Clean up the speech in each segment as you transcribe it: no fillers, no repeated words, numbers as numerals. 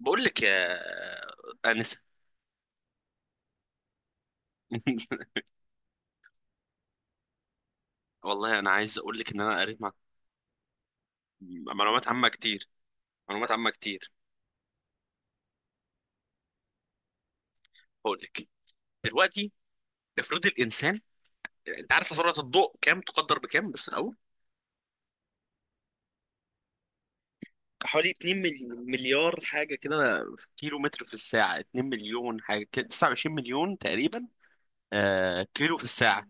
بقول لك يا انسه. والله انا عايز اقول لك ان انا قريت معلومات عامه كتير. معلومات عامه كتير هقول لك دلوقتي. افرض الانسان، انت عارف سرعه الضوء كام؟ تقدر بكام بس الاول؟ حوالي 2 مليار حاجه كده في كيلو متر في الساعه، 2 مليون حاجه كده، 29 مليون تقريبا. آه كيلو في الساعه.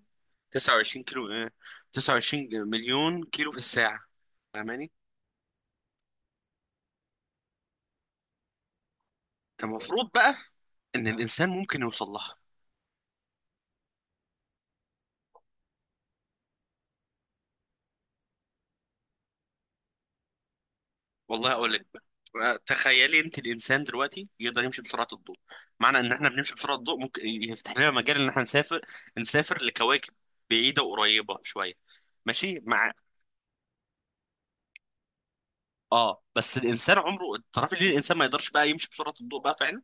29 كيلو آه. 29 مليون كيلو في الساعه. فاهماني؟ المفروض بقى ان الانسان ممكن يوصل لها. والله اقول لك بقى. تخيلي انت الانسان دلوقتي يقدر يمشي بسرعه الضوء. معنى ان احنا بنمشي بسرعه الضوء ممكن يفتح لنا مجال ان احنا نسافر، نسافر لكواكب بعيده وقريبه شويه. ماشي مع، اه بس الانسان عمره. تعرفي ليه الانسان ما يقدرش بقى يمشي بسرعه الضوء بقى فعلا؟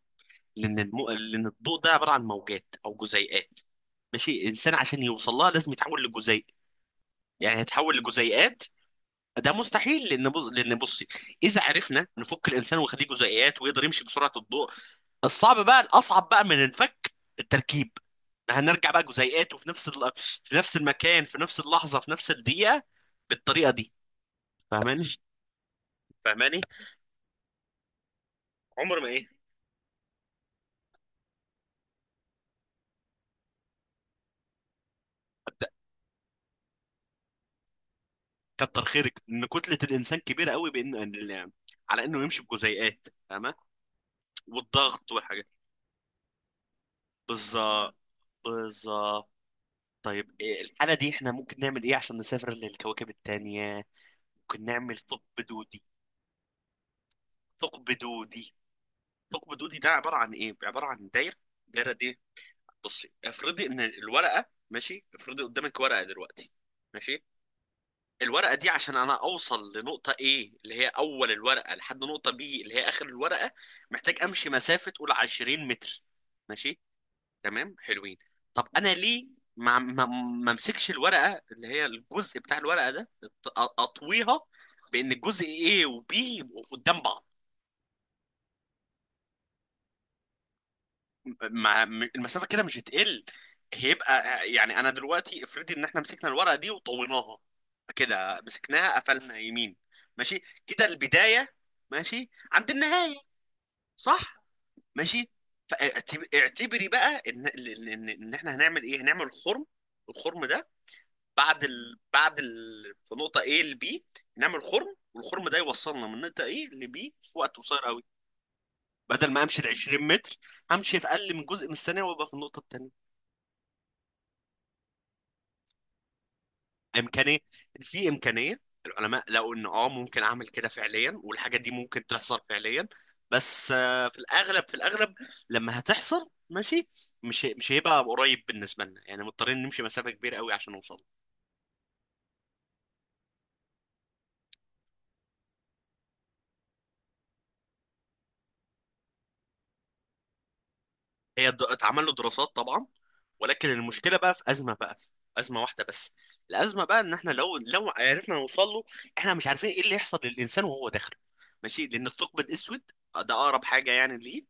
لان لان الضوء ده عباره عن موجات او جزيئات. ماشي. الانسان عشان يوصل لها لازم يتحول لجزيء، يعني هيتحول لجزيئات. ده مستحيل لان لان بصي، اذا عرفنا نفك الانسان ونخليه جزيئات ويقدر يمشي بسرعه الضوء، الصعب بقى الاصعب بقى من الفك التركيب. هنرجع بقى جزيئات وفي في نفس المكان، في نفس اللحظه، في نفس الدقيقه، بالطريقه دي. فاهماني؟ فاهماني عمر ما ايه. حتى- كتر خيرك ان كتله الانسان كبيره قوي بان على انه يمشي بجزيئات، فاهمه، والضغط والحاجات. بالظبط. بالظبط طيب إيه الحاله دي؟ احنا ممكن نعمل ايه عشان نسافر للكواكب التانية؟ ممكن نعمل ثقب دودي. ثقب دودي. ثقب دودي ده عباره عن ايه؟ عباره عن دايره. الدايره دي، بصي افرضي ان الورقه، ماشي، افرضي قدامك ورقه دلوقتي. ماشي. الورقه دي عشان انا اوصل لنقطه ايه اللي هي اول الورقه لحد نقطه بي اللي هي اخر الورقه، محتاج امشي مسافه، قول 20 متر. ماشي. تمام حلوين. طب انا ليه ما ما امسكش الورقه اللي هي الجزء بتاع الورقه ده اطويها بان الجزء ايه وبي يبقوا قدام بعض؟ ما م- المسافه كده مش هتقل، هيبقى، يعني انا دلوقتي افرضي ان احنا مسكنا الورقه دي وطويناها، كده مسكناها قفلنا يمين. ماشي. كده البدايه ماشي عند النهايه. صح. ماشي. اعتبري بقى ان ان ان إن احنا هنعمل ايه. هنعمل خرم. الخرم ده بعد بعد في نقطه A ل B، نعمل خرم والخرم ده يوصلنا من نقطه A ل B في وقت قصير قوي. بدل ما امشي ال 20 متر، همشي في اقل من جزء من الثانيه وابقى في النقطه الثانيه. امكانيه، في امكانيه. العلماء لقوا ان اه ممكن اعمل كده فعليا، والحاجه دي ممكن تحصل فعليا، بس في الاغلب، لما هتحصل، ماشي، مش هيبقى قريب بالنسبه لنا، يعني مضطرين نمشي مسافه كبيره قوي عشان نوصل. اتعمل له دراسات طبعا، ولكن المشكله بقى في ازمه، بقى في ازمه واحده بس. الازمه بقى ان احنا لو عرفنا نوصل له، احنا مش عارفين ايه اللي يحصل للانسان وهو داخل. ماشي، لان الثقب الاسود ده اقرب حاجه يعني ليه.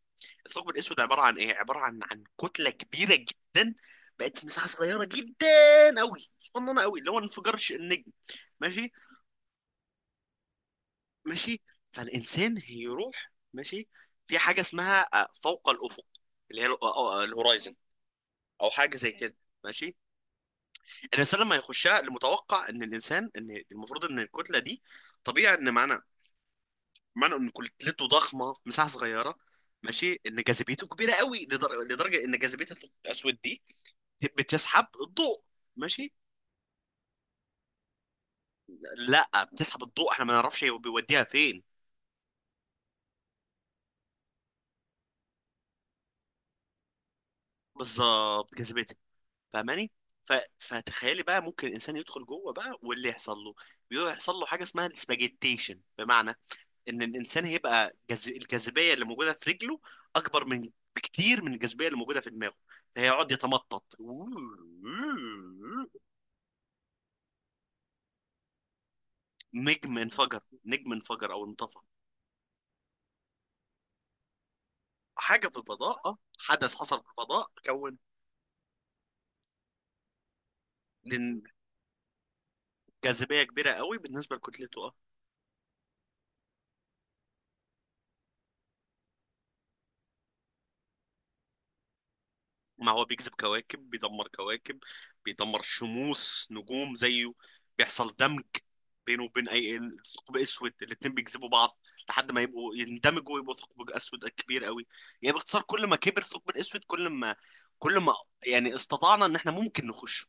الثقب الاسود عباره عن ايه؟ عباره عن كتله كبيره جدا بقت مساحه صغيره جدا قوي، صغننه قوي، اللي هو انفجار النجم. ماشي. ماشي. فالانسان هيروح، ماشي، في حاجه اسمها فوق الافق، اللي هي الهورايزن، او حاجه زي كده. ماشي. الانسان لما يخشها، المتوقع ان الانسان، ان المفروض ان الكتله دي، طبيعي ان معنى، معنى ان كتلته ضخمه في مساحه صغيره، ماشي، ان جاذبيته كبيره قوي لدرجه ان جاذبيه الثقب الاسود دي بتسحب الضوء. ماشي. لا، بتسحب الضوء، احنا ما نعرفش هو بيوديها فين. بالظبط، جاذبيتها. فاهماني؟ فتخيلي بقى ممكن الانسان يدخل جوه بقى واللي يحصل له، بيحصل له حاجه اسمها السباجيتيشن، بمعنى ان الانسان هيبقى الجاذبيه اللي موجوده في رجله اكبر من، بكتير من الجاذبيه اللي موجوده في دماغه، فهيقعد يتمطط. نجم انفجر. نجم انفجر او انطفى. حاجه في الفضاء، اه، حدث حصل في الفضاء، كون. لأن جاذبيه كبيره قوي بالنسبه لكتلته. ما هو بيجذب كواكب، بيدمر كواكب، بيدمر شموس، نجوم زيه. بيحصل دمج بينه وبين اي ثقب اسود، الاتنين بيجذبوا بعض لحد ما يبقوا يندمجوا ويبقوا ثقب اسود كبير قوي. يعني باختصار، كل ما كبر الثقب الاسود، كل ما، كل ما يعني استطعنا ان احنا ممكن نخش.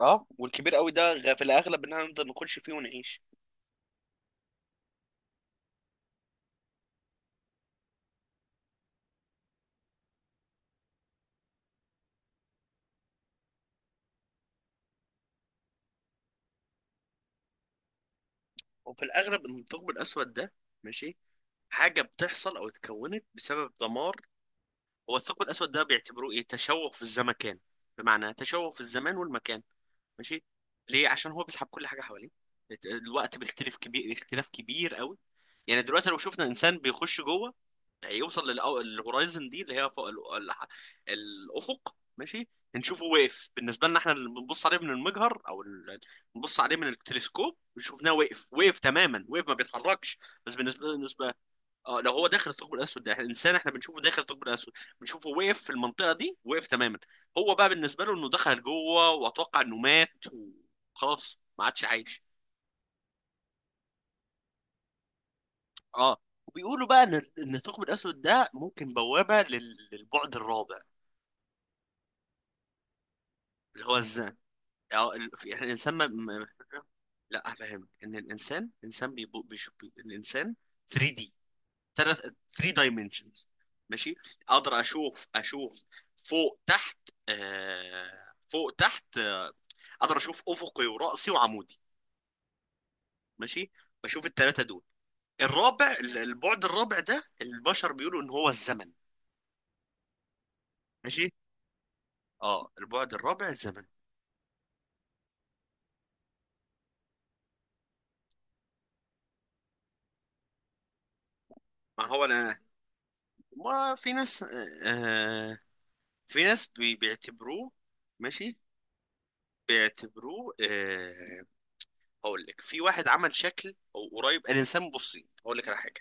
اه، والكبير قوي ده في الاغلب ان احنا نقدر نخش فيه ونعيش. وفي الاغلب ان الثقب الاسود ده، ماشي، حاجه بتحصل او اتكونت بسبب دمار. هو الثقب الأسود ده بيعتبروه إيه؟ تشوه في الزمكان، بمعنى تشوه في الزمان والمكان. ماشي. ليه؟ عشان هو بيسحب كل حاجة حواليه. الوقت بيختلف كبير، اختلاف كبير قوي. يعني دلوقتي لو شفنا إنسان بيخش جوه، هيوصل للهورايزن دي اللي هي فوق الأفق، ماشي، هنشوفه واقف بالنسبة لنا احنا اللي بنبص عليه من المجهر أو بنبص عليه من التلسكوب، شفناه واقف، واقف تماما، واقف ما بيتحركش. بس بالنسبة، اه لو هو داخل الثقب الاسود ده، احنا انسان احنا بنشوفه داخل الثقب الاسود، بنشوفه وقف في المنطقه دي، وقف تماما. هو بقى بالنسبه له انه دخل جوه واتوقع انه مات وخلاص ما عادش عايش. اه. وبيقولوا بقى ان الثقب الاسود ده ممكن بوابه للبعد الرابع، اللي هو الذات. اه يعني الانسان لا، افهمك ان الانسان، الانسان بيشوف الانسان 3D، ثلاث، 3 دايمنشنز. ماشي. اقدر اشوف، اشوف فوق تحت، آه فوق تحت، آه اقدر اشوف افقي وراسي وعمودي. ماشي. بشوف الثلاثه دول. الرابع، البعد الرابع ده البشر بيقولوا ان هو الزمن. ماشي. اه البعد الرابع الزمن. ما هو انا، ما في ناس، آه، في ناس بيعتبروه. ماشي. بيعتبروه آه. هقول لك، في واحد عمل شكل او قريب الانسان. بصي هقول لك على حاجه.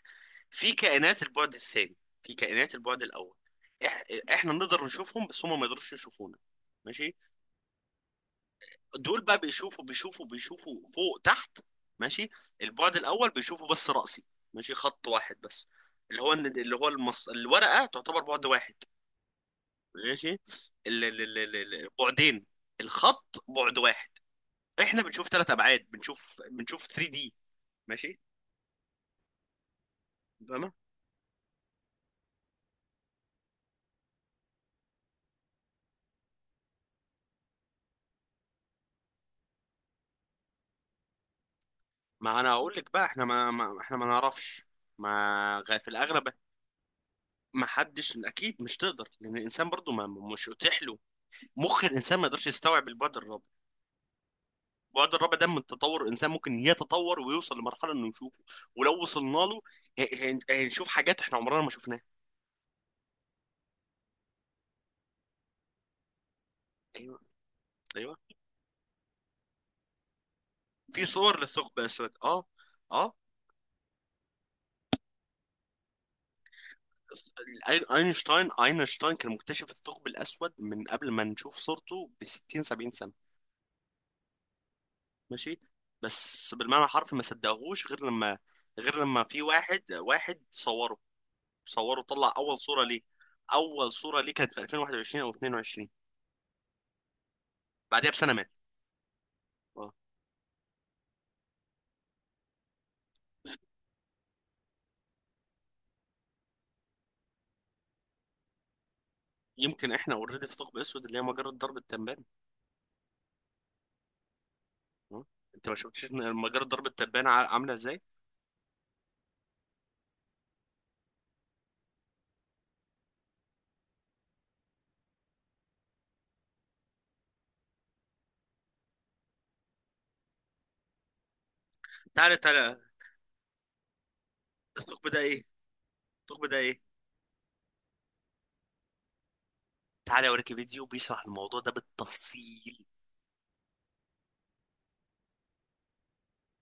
في كائنات البعد الثاني، في كائنات البعد الاول. إح... احنا نقدر نشوفهم بس هم ما يقدروش يشوفونا. ماشي. دول بقى بيشوفوا، بيشوفوا فوق تحت. ماشي. البعد الاول بيشوفوا بس راسي. ماشي. خط واحد بس، اللي هو اللي هو الورقه تعتبر بعد واحد. ماشي. البعدين، الخط بعد واحد. احنا بنشوف ثلاث ابعاد، بنشوف، بنشوف 3 دي. ماشي. فاهمة؟ ما انا اقول لك بقى، احنا ما احنا ما نعرفش. ما في الاغلب. ما حدش اكيد مش تقدر، لان الانسان برضو ما، مش اتيح له. مخ الانسان ما يقدرش يستوعب البعد الرابع. البعد الرابع ده من التطور الانسان ممكن يتطور ويوصل لمرحله انه يشوفه. ولو وصلنا له، ه- هنشوف حاجات احنا عمرنا ما شفناها. ايوه، ايوه في صور للثقب الاسود، اه، اه. اينشتاين، كان مكتشف الثقب الاسود من قبل ما نشوف صورته ب 60 70 سنه. ماشي. بس بالمعنى الحرفي ما صدقهوش غير لما، غير لما في واحد، صوره، طلع اول صورة ليه. اول صورة ليه كانت في 2021 او 22. بعدها بسنة مات. آه. يمكن احنا اوريدي في ثقب اسود اللي هي مجرة درب التبان. آه. انت ما شفتش إن مجرة درب التبان عاملة ازاي؟ تعالى، الثقب ده ايه، الثقب ده ايه تعالى اوريك فيديو بيشرح الموضوع ده بالتفصيل.